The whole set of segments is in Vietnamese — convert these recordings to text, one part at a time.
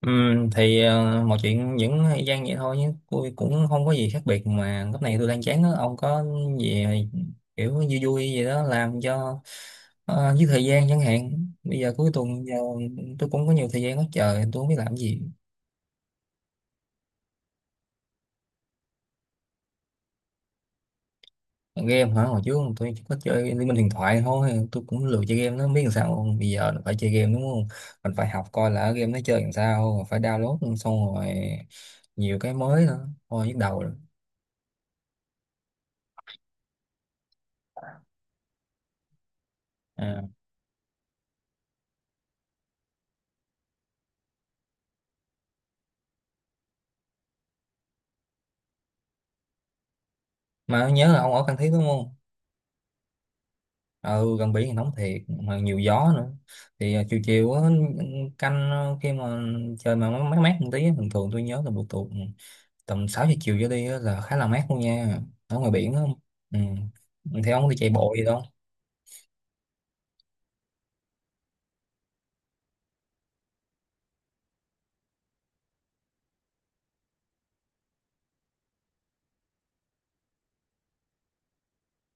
Mọi chuyện vẫn gian vậy thôi nhé, tôi cũng không có gì khác biệt, mà lúc này tôi đang chán á. Ông có gì kiểu vui vui gì đó làm cho với thời gian chẳng hạn? Bây giờ cuối tuần giờ tôi cũng có nhiều thời gian hết trời, tôi không biết làm gì. Game hả, hồi trước tôi chỉ có chơi Liên Minh Huyền Thoại thôi, tôi cũng lười chơi game, nó biết làm sao không? Bây giờ phải chơi game đúng không, mình phải học coi là ở game nó chơi làm sao, phải download xong rồi nhiều cái mới nữa, thôi nhức đầu rồi. À. Mà nhớ là ông ở Phan Thiết đúng không? Ừ, gần biển thì nóng thiệt mà nhiều gió nữa. Thì à, chiều chiều á, canh à, khi mà trời mà mát mát mát một tí á, bình thường tôi nhớ là buổi tối tầm 6 giờ chiều trở đi á là khá là mát luôn nha, ở ngoài biển á. Ừ. Thì ông thì chạy bộ gì đâu?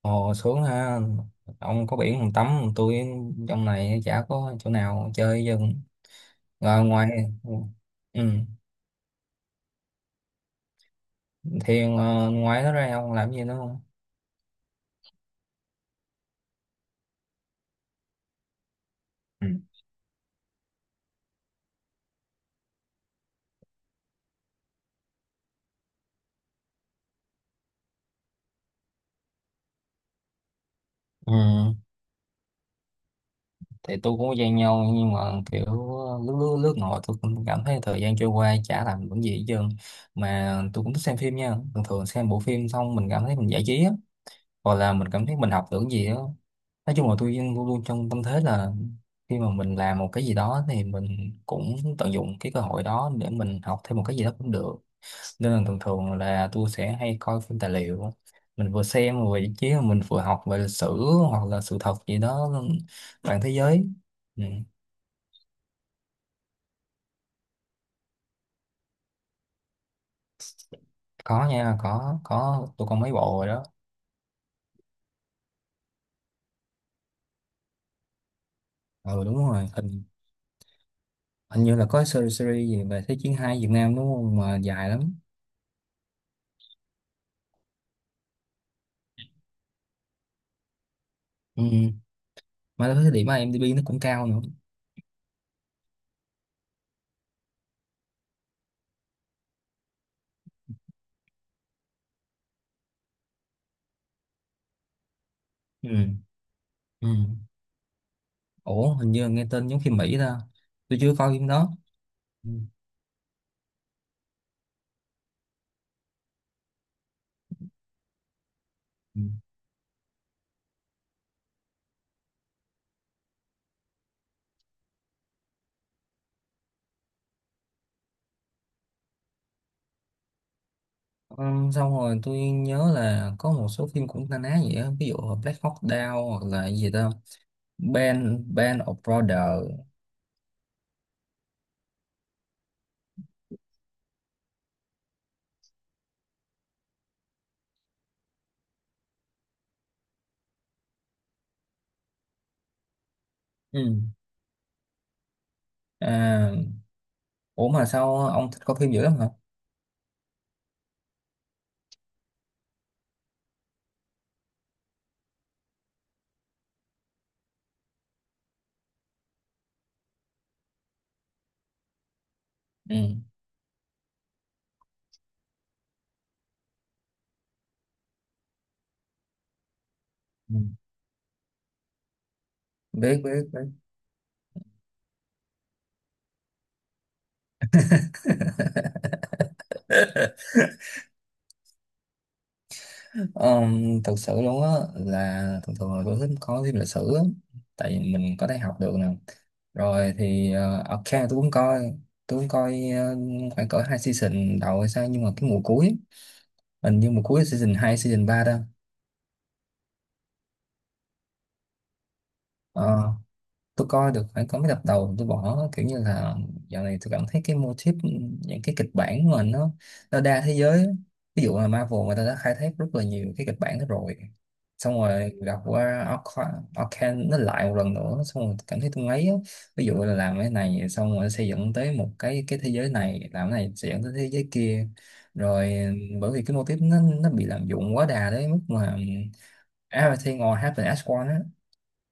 Ồ sướng ha, ông có biển còn tắm, tôi trong này chả có chỗ nào chơi dân rồi ngoài. Ừ. Ừ, thì à, ngoài đó ra ông làm gì nữa không? Ừ. Ừ, thì tôi cũng gian nhau nhưng mà kiểu lướt lướt lướt ngồi, tôi cũng cảm thấy thời gian trôi qua chả làm được gì hết trơn. Mà tôi cũng thích xem phim nha, thường thường xem bộ phim xong mình cảm thấy mình giải trí á, hoặc là mình cảm thấy mình học được gì á. Nói chung là tôi luôn luôn trong tâm thế là khi mà mình làm một cái gì đó thì mình cũng tận dụng cái cơ hội đó để mình học thêm một cái gì đó cũng được. Nên là thường thường là tôi sẽ hay coi phim tài liệu, mình vừa xem vừa giải trí, mình vừa học về lịch sử hoặc là sự thật gì đó, toàn thế giới. Ừ. Có nha, có tôi có mấy bộ rồi đó. Ừ đúng rồi, hình hình như là có series series gì về Thế chiến hai Việt Nam đúng không, mà dài lắm. Ừ. Mà tôi thấy điểm IMDb nó cũng cao nữa. Ừ. Ừ. Ủa hình như là nghe tên giống phim Mỹ ta, tôi chưa coi phim đó. Ừ. Ừ. Ừ, xong rồi tôi nhớ là có một số phim cũng na ná vậy á, ví dụ là Black Hawk Down hoặc là gì ta, Band Band of Brothers. Ừ. À, ủa mà sao ông thích coi phim dữ lắm hả? Ừ. Ừ. Biết biết biết. Thực sự luôn á, là thường thường là tôi thích có thêm lịch sử á. Tại vì mình có thể học được nè. Rồi thì ok tôi cũng coi, tôi cũng coi khoảng cỡ 2 season đầu hay sao, nhưng mà cái mùa cuối, hình như mùa cuối season 2 season 3 đó. Ờ. Tôi coi được phải có mấy tập đầu tôi bỏ, kiểu như là dạo này tôi cảm thấy cái mô típ, những cái kịch bản mà nó đa thế giới á. Ví dụ là Marvel, người ta đã khai thác rất là nhiều cái kịch bản đó rồi, xong rồi gặp qua Arcane nó lại một lần nữa, xong rồi cảm thấy tôi ngấy á. Ví dụ là làm cái này xong rồi xây dựng tới một cái thế giới này, làm cái này xây dựng tới thế giới kia. Rồi bởi vì cái mô típ nó bị lạm dụng quá đà đấy mức mà Everything all happened as one á,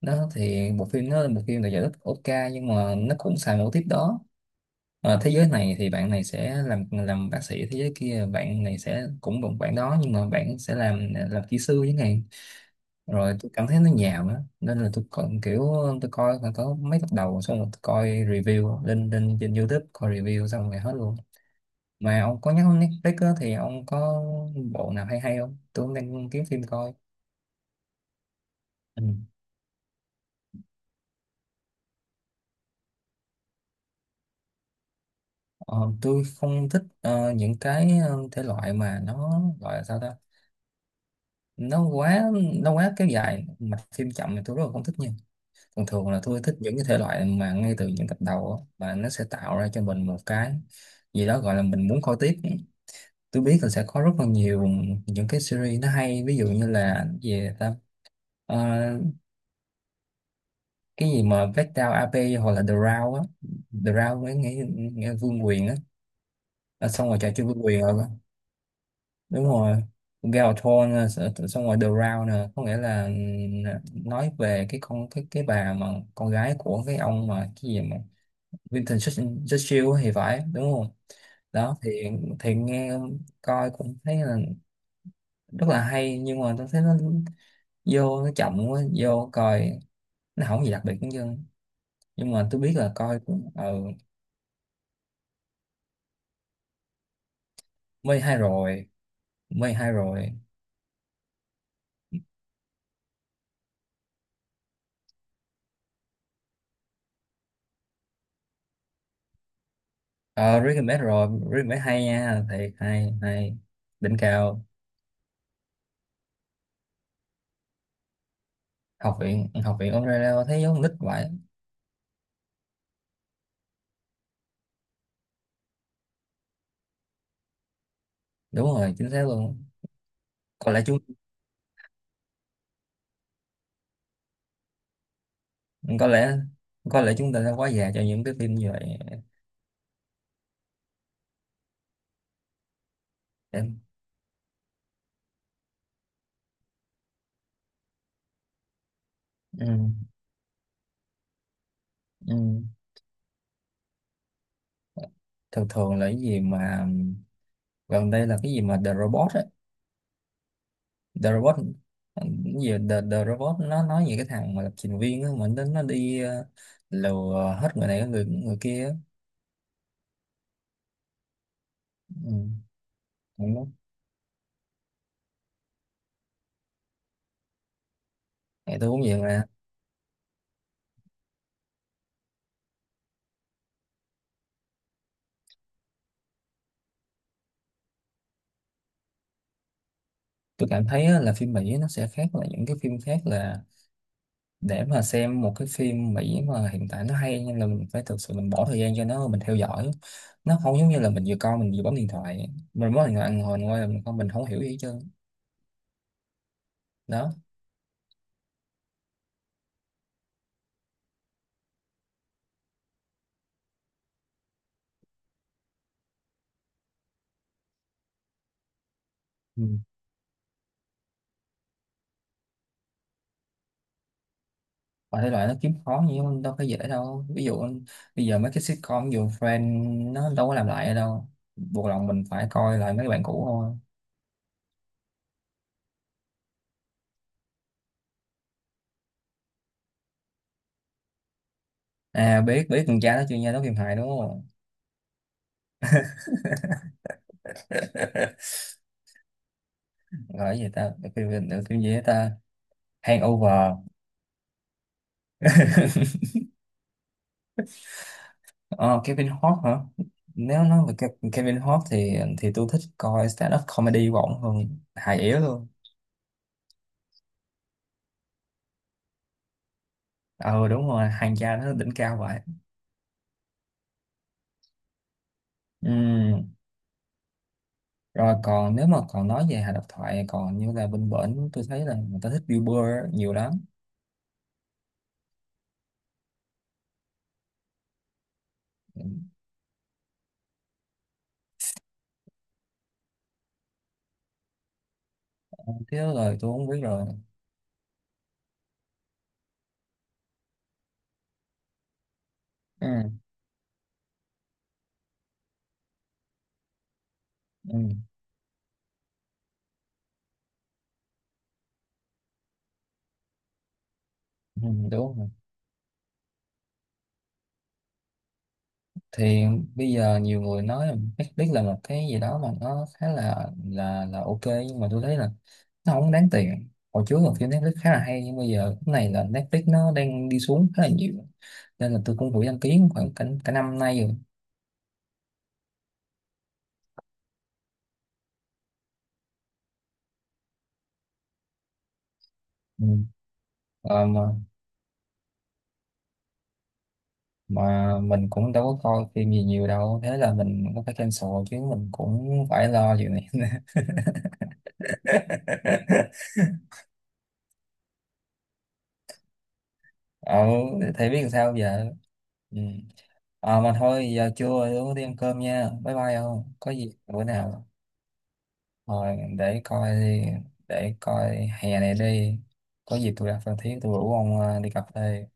nó thì bộ phim nó là một phim được giải thích Oscar, nhưng mà nó cũng xài mẫu tiếp đó. Ờ, thế giới này thì bạn này sẽ làm bác sĩ, thế giới kia bạn này sẽ cũng bằng bạn đó nhưng mà bạn sẽ làm kỹ sư chẳng hạn. Rồi tôi cảm thấy nó nhàm á, nên là tôi còn kiểu tôi coi khoảng có mấy tập đầu xong rồi tôi coi review lên lên trên YouTube, coi review xong rồi hết luôn. Mà ông có nhắc đến Netflix á, thì ông có bộ nào hay hay không, tôi cũng đang kiếm phim coi. Ừ. Ờ, tôi không thích những cái thể loại mà nó gọi là sao ta, nó quá nó quá kéo dài mạch phim chậm thì tôi rất là không thích nha. Thường thường là tôi thích những cái thể loại mà ngay từ những tập đầu á, mà nó sẽ tạo ra cho mình một cái gì đó gọi là mình muốn coi tiếp. Tôi biết là sẽ có rất là nhiều những cái series nó hay, ví dụ như là gì ta, Ờ, cái gì mà Vết Đao AP, hoặc là The Round á. The Round với nghe, nghe Vương Quyền á. Ờ, xong rồi trò chơi Vương Quyền. Đúng rồi, Game of Thrones nè, xong rồi The Round nè, có nghĩa là nói về cái con cái bà mà con gái của cái ông mà cái gì mà Vincent Churchill thì phải đúng không. Đó thì nghe coi cũng thấy là rất là hay, nhưng mà tôi thấy nó vô nó chậm quá, vô coi nó không gì đặc biệt hết trơn, nhưng mà tôi biết là coi cũng ờ. Mê hay rồi. Mê hay rồi. Ờ recommend rồi, recommend hay nha, thiệt hay hay. Đỉnh cao. Học viện Australia thấy giống con nít vậy. Đúng rồi, chính xác luôn. có lẽ chúng có lẽ, có lẽ chúng ta đã quá già cho những cái phim như vậy. Em. Ừ, ừ. Thường thường là cái gì mà gần đây là cái gì mà The Robot á. The Robot, cái gì The, The Robot nó nói về cái thằng mà lập trình viên á, mà nó đi lừa hết người này người người kia á. Ừ. Đúng đó. Thì tôi cũng vậy mà. Tôi cảm thấy á, là phim Mỹ nó sẽ khác là những cái phim khác là để mà xem một cái phim Mỹ mà hiện tại nó hay, nên là mình phải thực sự mình bỏ thời gian cho nó, mình theo dõi. Nó không giống như là mình vừa coi mình vừa bấm điện thoại, mình bấm điện thoại ngồi ngồi là mình không, mình không hiểu gì hết trơn. Đó. Ừ. Và thể loại nó kiếm khó như mà đâu có dễ đâu, ví dụ bây giờ mấy cái sitcom ví dụ Friends nó đâu có làm lại ở đâu, buộc lòng mình phải coi lại mấy bạn cũ thôi. À biết biết, con cha nó chưa nha, nó phim hài đúng không. Gọi là gì ta, phim phim phim gì đó ta. Hangover. Ờ, Kevin Hart hả? Nếu nói về Kevin Hart thì tôi thích coi stand-up comedy của ổng hơn, hài yếu luôn. Ờ đúng rồi, hàng cha nó đỉnh cao vậy. Ừm. Rồi còn nếu mà còn nói về hài độc thoại còn như là bên bển, tôi thấy là người ta thích Bill Burr nhiều lắm. Ừm. Thế rồi tôi không biết rồi. Ừ. Ừ. Ừ, đúng rồi. Thì bây giờ nhiều người nói là Netflix là một cái gì đó mà nó khá là ok, nhưng mà tôi thấy là nó không đáng tiền. Hồi trước là phim Netflix khá là hay, nhưng bây giờ cái này là Netflix nó đang đi xuống khá là nhiều, nên là tôi cũng vừa đăng ký khoảng cả năm nay rồi. Ừ. Ờ, mà mình cũng đâu có coi phim gì nhiều đâu, thế là mình cũng phải cancel chứ mình cũng phải lo chuyện này. Ờ thì biết làm sao giờ. Ừ. Ờ mà thôi giờ trưa rồi tôi đi ăn cơm nha, bye bye, không có gì bữa nào. Rồi để coi đi, để coi hè này đi. Có dịp tôi ra Phan Thiết tôi rủ ông đi cà phê.